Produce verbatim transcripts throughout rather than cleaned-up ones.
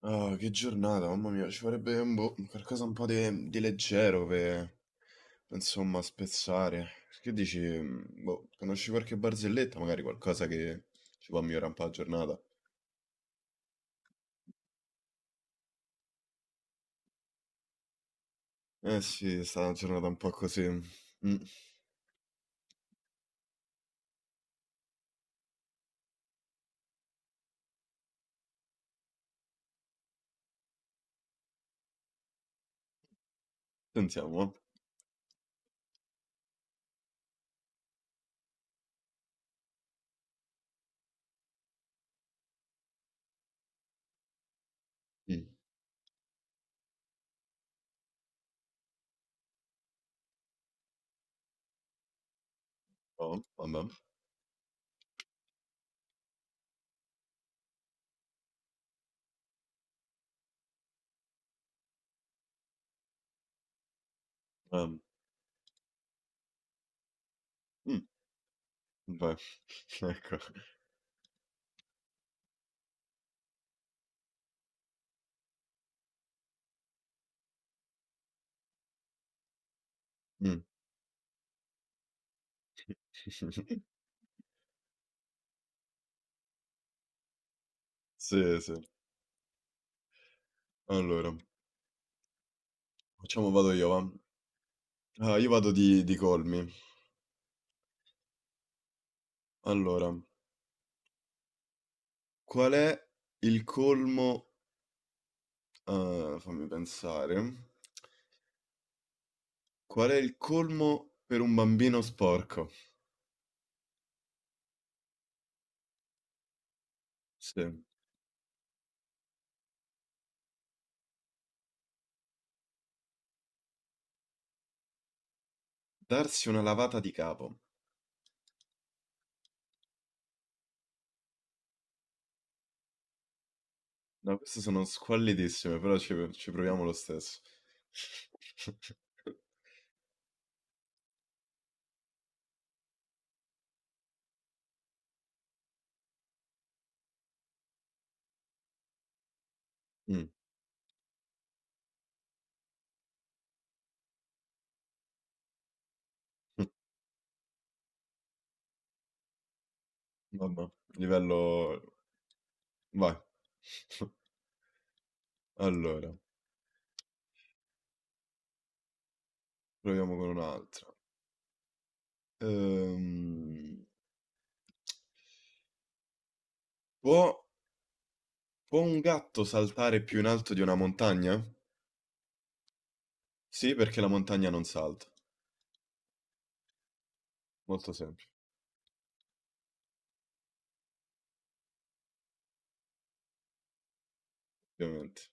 Ah, che giornata, mamma mia, ci farebbe un boh, qualcosa un po' di, di leggero per, insomma, spezzare. Che dici, mm, boh, conosci qualche barzelletta, magari qualcosa che ci può migliorare un po' la giornata? Eh sì, è stata una giornata un po' così. Mm, sentiamo. Eh. Mm, oh, vabbè. Ehm, mm, Vai. Ecco. Mm. Sì, sì. Allora, facciamo, vado io, va. Ah, io vado di, di colmi. Allora, qual è il colmo? Ah, fammi pensare. Qual è il colmo per un bambino sporco? Sì. Darsi una lavata di capo. No, queste sono squallidissime, però ci, ci proviamo lo stesso. Mm, vabbè, livello... Vai. Allora, proviamo con un'altra. Ehm, può, può un gatto saltare più in alto di una montagna? Sì, perché la montagna non salta. Molto semplice, ovviamente.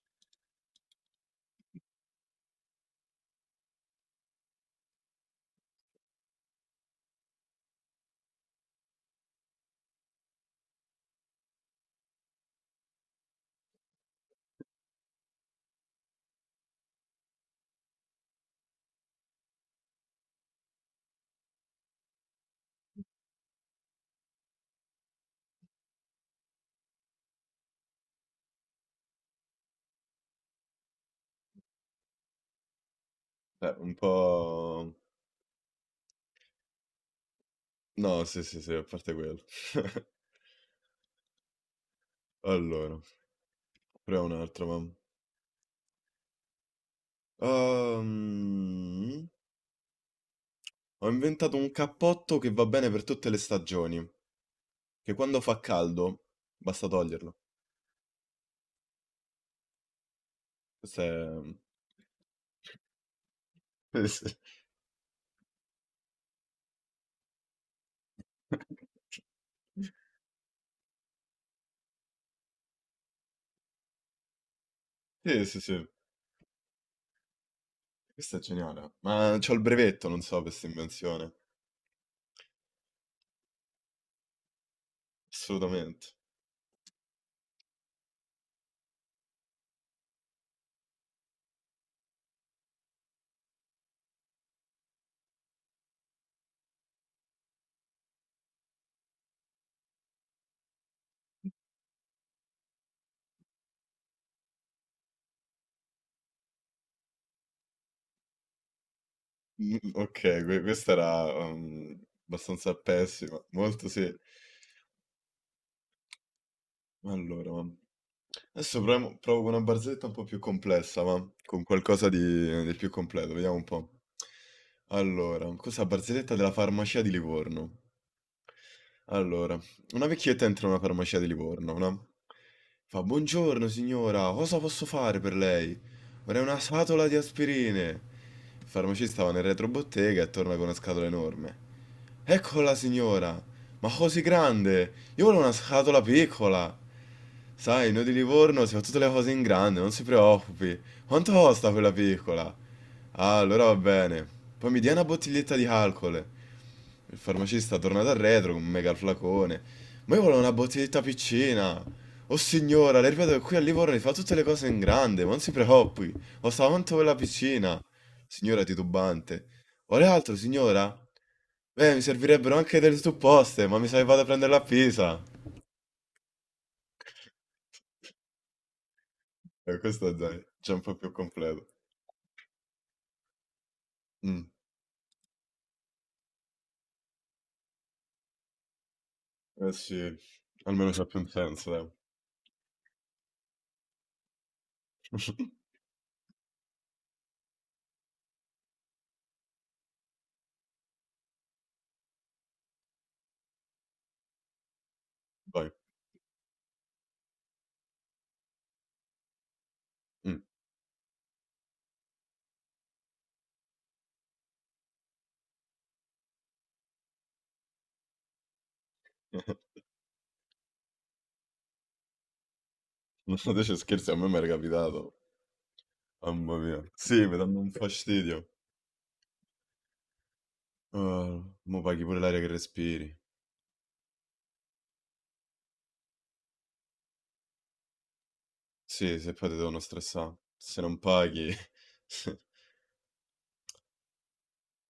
Eh, un po'... No, sì, sì, sì, a parte quello. Allora, proviamo un altro, mamma. Ehm, ho inventato un cappotto che va bene per tutte le stagioni, che quando fa caldo basta toglierlo. Questo è... Sì, sì, sì, sì. Questo è geniale. Ma c'ho il brevetto, non so, per questa invenzione. Assolutamente. Mm, ok, que- questa era ehm, abbastanza pessima. Molto sì. Allora, mamma. Adesso proviamo- provo con una barzelletta un po' più complessa, ma con qualcosa di, di più completo, vediamo un po'. Allora, questa barzelletta della farmacia di Livorno. Allora, una vecchietta entra in una farmacia di Livorno, no? Fa, buongiorno signora, cosa posso fare per lei? Vorrei una scatola di aspirine. Il farmacista va nel retrobottega e torna con una scatola enorme. Eccola signora, ma così grande! Io volevo una scatola piccola! Sai, noi di Livorno si fa tutte le cose in grande, non si preoccupi. Quanto costa quella piccola? Ah, allora va bene. Poi mi dia una bottiglietta di alcol. Il farmacista torna dal retro con un mega flacone. Ma io volevo una bottiglietta piccina. Oh signora, le ripeto che qui a Livorno si fa tutte le cose in grande, ma non si preoccupi. Costa quanto quella piccina. Signora titubante. Vuole altro, signora? Beh, mi servirebbero anche delle supposte, ma mi sa che vado a prenderla a Pisa. Eh, questo dai, già un po' più completo. Mh, eh sì, almeno c'ha più un senso dai. Vai, mh. Non so te ci scherzi, a me m'era capitato. Mamma mia. Sì, mi danno un fastidio. Ah, mo paghi pure l'aria che respiri. Sì, se poi ti devono stressà. Se non paghi...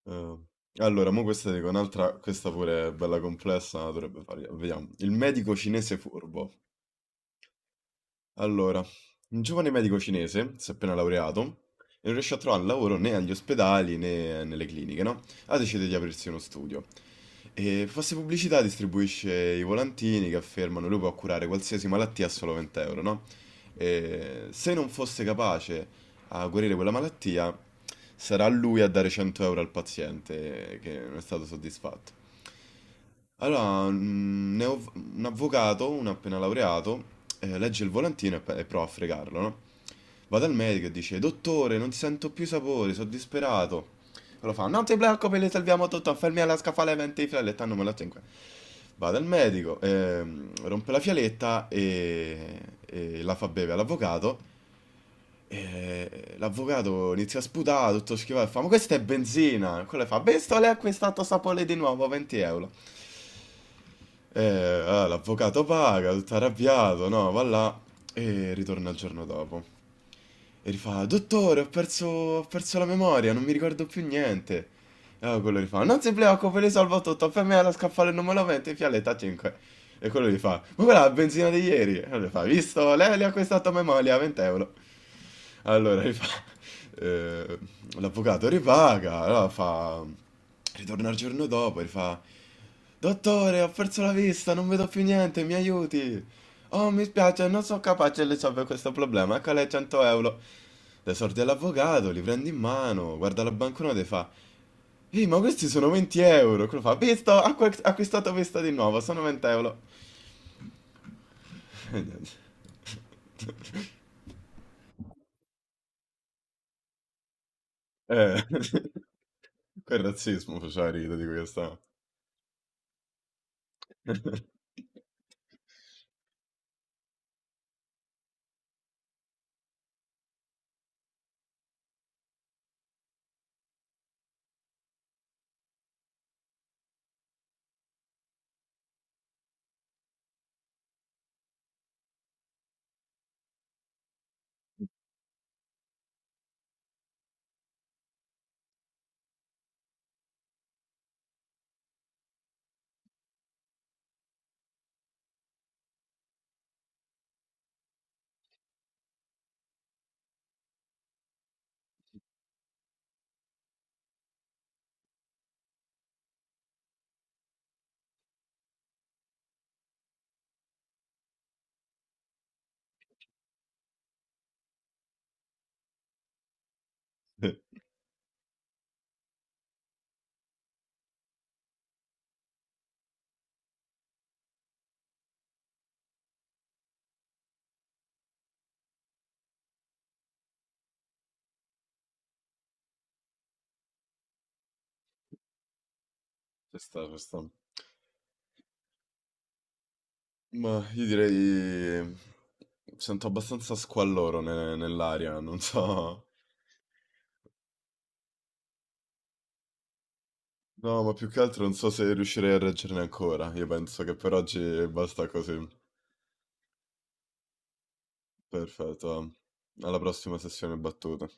Ah. Allora, mo questa dico un'altra, questa pure è bella complessa, ma dovrebbe fargli... Vediamo. Il medico cinese furbo. Allora, un giovane medico cinese si è appena laureato e non riesce a trovare lavoro né agli ospedali né eh, nelle cliniche, no? Ha deciso di aprirsi uno studio. E fa se pubblicità distribuisce i volantini che affermano lui può curare qualsiasi malattia a solo venti euro, no? E se non fosse capace a guarire quella malattia, sarà lui a dare cento euro al paziente che non è stato soddisfatto. Allora, mm, ne ho- un avvocato, un appena laureato, eh, legge il volantino e, pe- e prova a fregarlo, no? Va dal medico e dice, dottore, non sento più sapore, sono disperato. Allora fa, non ti preoccupi, le salviamo tutto, fermi alla scaffale venti fialette, hanno malato in qua. Va dal medico, ehm, rompe la fialetta e, e la fa bere all'avvocato. E l'avvocato inizia a sputare, tutto schivato, e fa, ma questa è benzina. Quello fa, visto, lei ha acquistato sapore di nuovo, venti euro. Eh, ah, l'avvocato paga, tutto arrabbiato, no, va là e ritorna il giorno dopo. E rifà, dottore, ho perso, ho perso la memoria, non mi ricordo più niente. E allora quello rifà, non si preoccupi, risolvo tutto, per me è lo scaffale numero venti, fialetta cinque. E quello gli fa, ma quella è la benzina di ieri. E allora gli fa, visto, lei le ha acquistato a memoria, venti euro. Allora gli fa, eh, l'avvocato ripaga, allora fa, ritorna il giorno dopo, e gli fa... Dottore, ho perso la vista, non vedo più niente, mi aiuti. Oh, mi spiace, non sono capace di risolvere questo problema. Ecco lei cento euro. Le sordi all'avvocato, li prendi in mano, guarda la banconota e fa: Ehi, ma questi sono venti euro. Quello fa: Visto, acqu- acquistato questa di nuovo, sono venti euro. E niente. Eh, quel razzismo faceva ridere di questa. Sì, ci sta, ci sta. Ma io direi. Sento abbastanza squalloro ne- nell'aria, non so. No, ma più che altro non so se riuscirei a reggerne ancora. Io penso che per oggi basta così. Perfetto. Alla prossima sessione battuta.